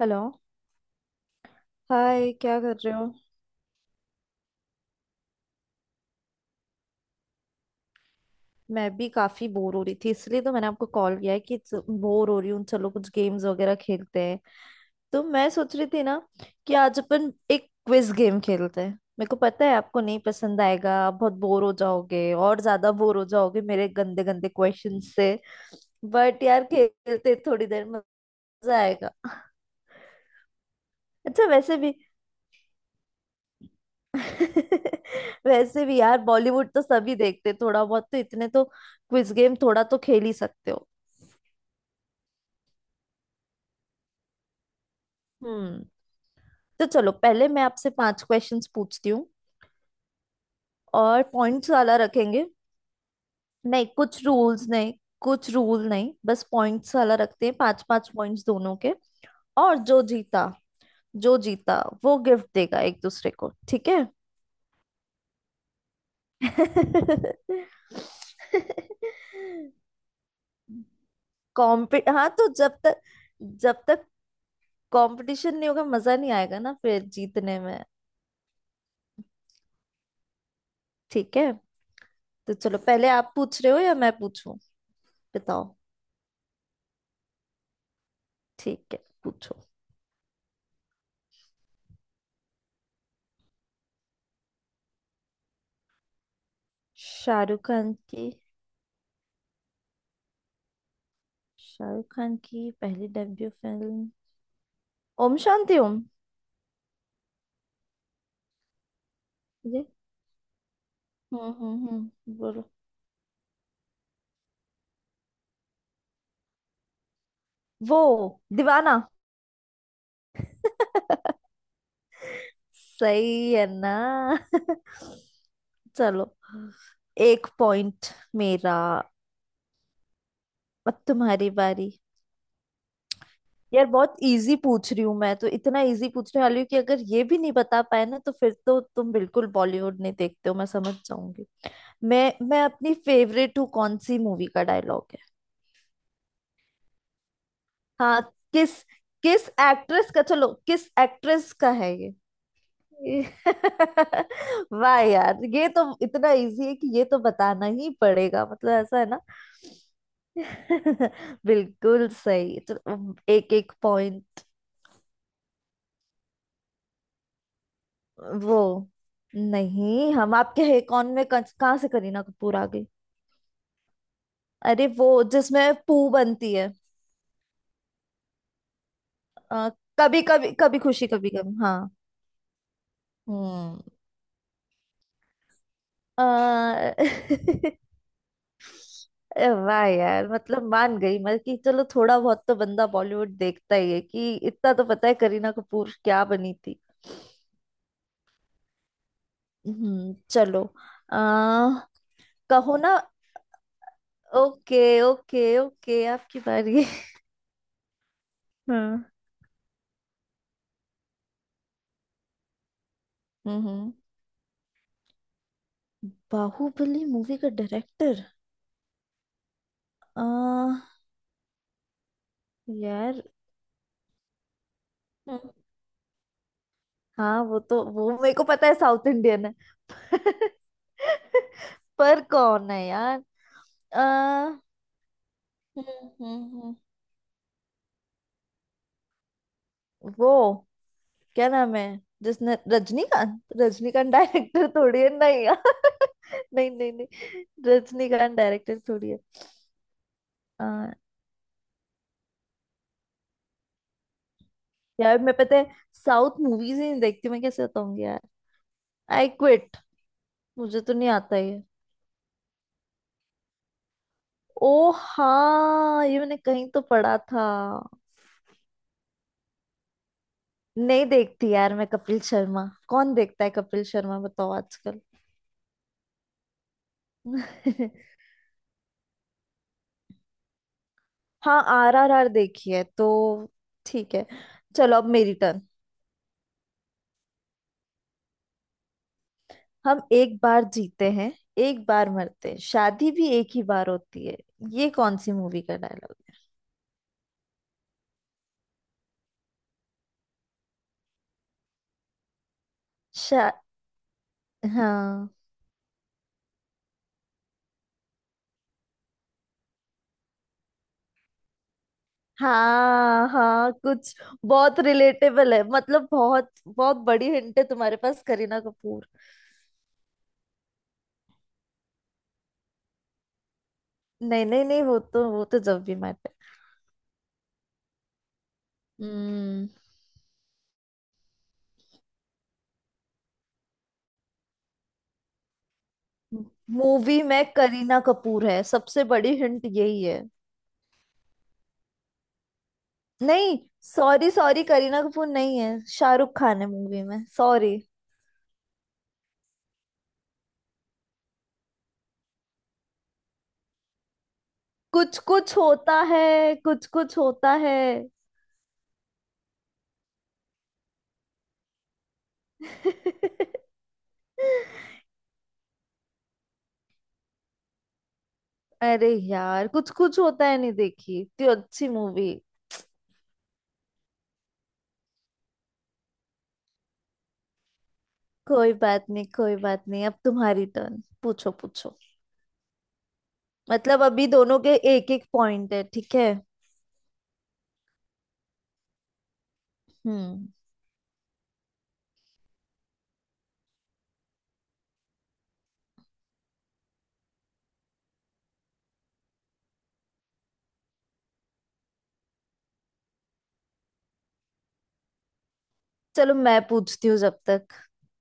Hello. Hi, क्या कर रहे हो। मैं भी काफी बोर हो रही थी, इसलिए तो मैंने आपको कॉल किया है कि बोर हो रही हूँ। चलो कुछ गेम्स वगैरह खेलते हैं। तो मैं सोच रही थी ना कि आज अपन एक क्विज गेम खेलते हैं। मेरे को पता है आपको नहीं पसंद आएगा, आप बहुत बोर हो जाओगे, और ज्यादा बोर हो जाओगे मेरे गंदे गंदे क्वेश्चन से। बट यार खेलते हैं, थोड़ी देर में मजा आएगा। अच्छा वैसे भी वैसे भी यार बॉलीवुड तो सभी देखते हैं, थोड़ा बहुत तो, इतने तो क्विज गेम थोड़ा तो खेल ही सकते हो। हम्म। तो चलो पहले मैं आपसे पांच क्वेश्चंस पूछती हूँ और पॉइंट्स वाला रखेंगे। नहीं कुछ रूल्स नहीं, कुछ रूल नहीं, बस पॉइंट्स वाला रखते हैं, पांच पांच पॉइंट्स दोनों के। और जो जीता, जो जीता वो गिफ्ट देगा एक दूसरे को, ठीक है। कॉम्पि हाँ, तो जब तक कंपटीशन नहीं होगा मजा नहीं आएगा ना फिर जीतने में। ठीक है, तो चलो पहले आप पूछ रहे हो या मैं पूछूं। बताओ, ठीक है पूछो। शाहरुख खान की शाहरुख खान की पहली डेब्यू फिल्म ओम शांति ओम। ये बोलो। वो दीवाना। सही है ना। चलो एक पॉइंट मेरा। अब तुम्हारी बारी। यार बहुत इजी पूछ रही हूँ मैं, तो इतना इजी पूछने वाली हूँ कि अगर ये भी नहीं बता पाए ना, तो फिर तो तुम बिल्कुल बॉलीवुड नहीं देखते हो मैं समझ जाऊंगी। मैं अपनी फेवरेट हूँ कौन सी मूवी का डायलॉग। हाँ, किस किस एक्ट्रेस का, चलो किस एक्ट्रेस का है ये। ये- वाह यार ये तो इतना इजी है कि ये तो बताना ही पड़ेगा, मतलब ऐसा है ना। बिल्कुल सही। चलो एक एक पॉइंट। वो नहीं, हम आपके है कौन में कहाँ से करीना कपूर आ गई। अरे वो जिसमें पू बनती है। अ, कभी कभी कभी खुशी कभी गम, हाँ। हम्म। अ, अरे वाह यार, मतलब मान गई मैं कि चलो थोड़ा बहुत तो बंदा बॉलीवुड देखता ही है, कि इतना तो पता है करीना कपूर क्या बनी थी। चलो। आ, कहो ना। ओके ओके ओके आपकी बारी। हाँ। हम्म, बाहुबली मूवी का डायरेक्टर। आ यार। हम्म, हाँ वो तो, वो मेरे को पता है साउथ इंडियन है। पर कौन है यार। आ, हम्म हम्म हम्म, वो क्या नाम है जिसने, रजनीकांत रजनीकांत डायरेक्टर थोड़ी है, नहीं यार। नहीं नहीं नहीं, रजनीकांत डायरेक्टर थोड़ी है। आ, यार मैं पता है साउथ मूवीज ही नहीं देखती मैं, कैसे बताऊंगी यार। आई क्विट, मुझे तो नहीं आता ये। ओ हाँ ये मैंने कहीं तो पढ़ा था। नहीं देखती यार मैं। कपिल शर्मा कौन देखता है, कपिल शर्मा बताओ आजकल। हाँ RRR देखी है तो। ठीक है, चलो अब मेरी टर्न। हम एक बार जीते हैं, एक बार मरते हैं, शादी भी एक ही बार होती है, ये कौन सी मूवी का डायलॉग। शा हाँ हाँ हाँ कुछ बहुत रिलेटेबल है, मतलब बहुत बहुत बड़ी हिंट है तुम्हारे पास, करीना कपूर। नहीं नहीं नहीं, वो तो, वो तो जब भी मैटर। हम्म। मूवी में करीना कपूर है, सबसे बड़ी हिंट यही है। नहीं सॉरी सॉरी, करीना कपूर नहीं है, शाहरुख खान है मूवी में, सॉरी। कुछ कुछ होता है, कुछ कुछ होता है। अरे यार कुछ कुछ होता है नहीं देखी, इतनी अच्छी मूवी। कोई बात नहीं, कोई बात नहीं, अब तुम्हारी टर्न, पूछो पूछो। मतलब अभी दोनों के एक एक पॉइंट है, ठीक है। हम्म। चलो मैं पूछती हूँ जब तक,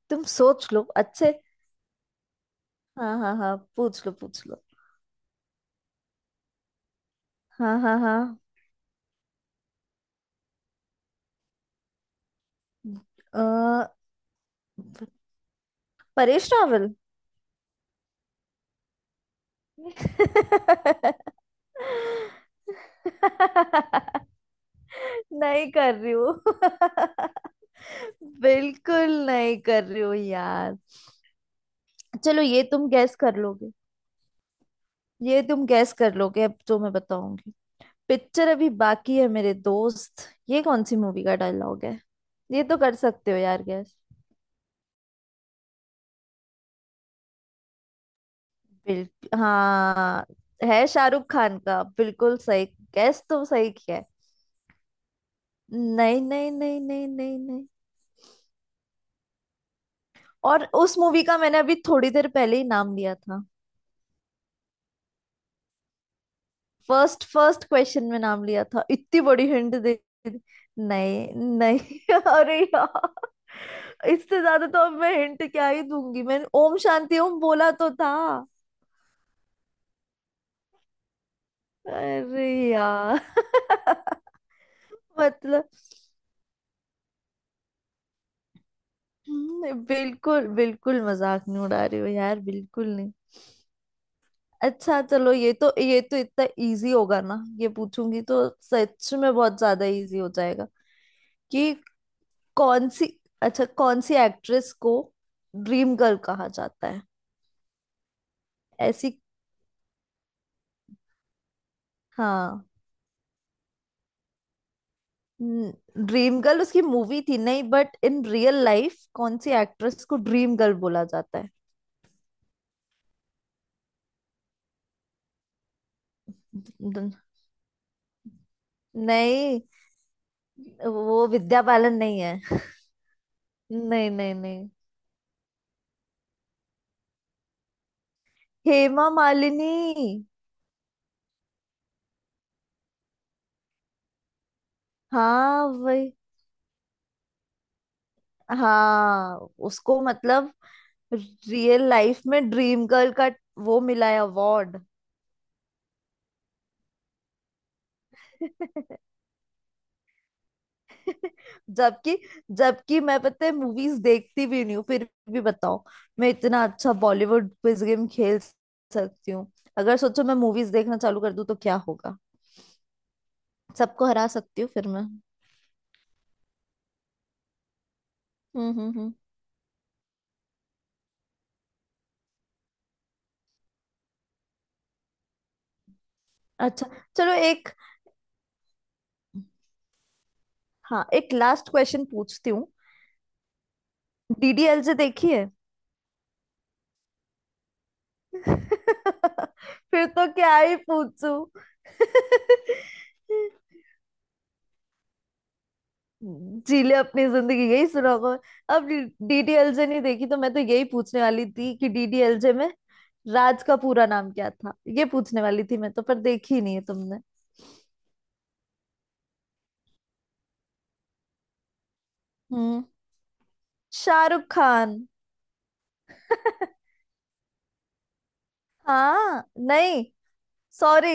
तुम सोच लो अच्छे। हाँ हाँ हाँ पूछ लो पूछ लो। हाँ हाँ हाँ। अ, परेश रावल। नहीं कर रही हूँ बिल्कुल नहीं कर रही हूँ यार। चलो ये तुम गैस कर लोगे, ये तुम गैस कर लोगे। अब जो मैं बताऊंगी, पिक्चर अभी बाकी है मेरे दोस्त, ये कौन सी मूवी का डायलॉग है, ये तो कर सकते हो यार गैस। बिल्कुल हाँ, है शाहरुख खान का, बिल्कुल सही गैस तो सही किया है। नहीं नहीं नहीं नहीं नहीं नहीं। और उस मूवी का मैंने अभी थोड़ी देर पहले ही नाम लिया था, फर्स्ट फर्स्ट क्वेश्चन में नाम लिया था, इतनी बड़ी हिंट दे दी। नहीं नहीं। अरे यार इससे ज्यादा तो अब मैं हिंट क्या ही दूंगी, मैंने ओम शांति ओम बोला तो था। अरे यार मतलब। बिल्कुल बिल्कुल मजाक नहीं उड़ा रही हो यार, बिल्कुल नहीं। अच्छा चलो, ये तो, ये तो इतना इजी होगा ना, ये पूछूंगी तो सच में बहुत ज्यादा इजी हो जाएगा, कि कौन सी, अच्छा कौन सी एक्ट्रेस को ड्रीम गर्ल कहा जाता है। ऐसी हाँ। ड्रीम गर्ल उसकी मूवी थी नहीं, बट इन रियल लाइफ कौन सी एक्ट्रेस को ड्रीम गर्ल बोला जाता है। द- नहीं वो विद्या बालन नहीं है। नहीं नहीं नहीं। हेमा मालिनी। हाँ वही, हाँ। उसको मतलब रियल लाइफ में ड्रीम गर्ल का वो मिला है अवार्ड। जबकि, जबकि मैं पता है मूवीज देखती भी नहीं हूँ, फिर भी बताओ, मैं इतना अच्छा बॉलीवुड क्विज गेम खेल सकती हूँ। अगर सोचो मैं मूवीज देखना चालू कर दूँ तो क्या होगा, सबको हरा सकती हूँ फिर मैं। हम्म। अच्छा चलो एक, हाँ एक लास्ट क्वेश्चन पूछती हूँ। डीडीएल से देखी है। फिर तो क्या ही पूछूं। जी ले अपनी जिंदगी, यही सुना होगा अब। डीडीएलजे नहीं देखी तो मैं तो यही पूछने वाली थी कि डीडीएलजे में राज का पूरा नाम क्या था, ये पूछने वाली थी मैं तो, पर देखी नहीं है तुमने। हम्म शाहरुख खान। हाँ। नहीं सॉरी।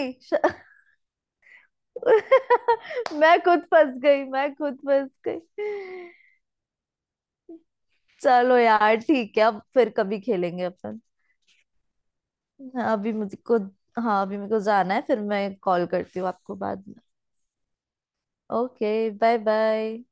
मैं खुद फंस गई, मैं खुद फंस गई। चलो यार ठीक है, अब फिर कभी खेलेंगे अपन। हाँ, अभी मुझे को हाँ अभी मेरे को जाना है, फिर मैं कॉल करती हूँ आपको बाद में। Okay bye bye.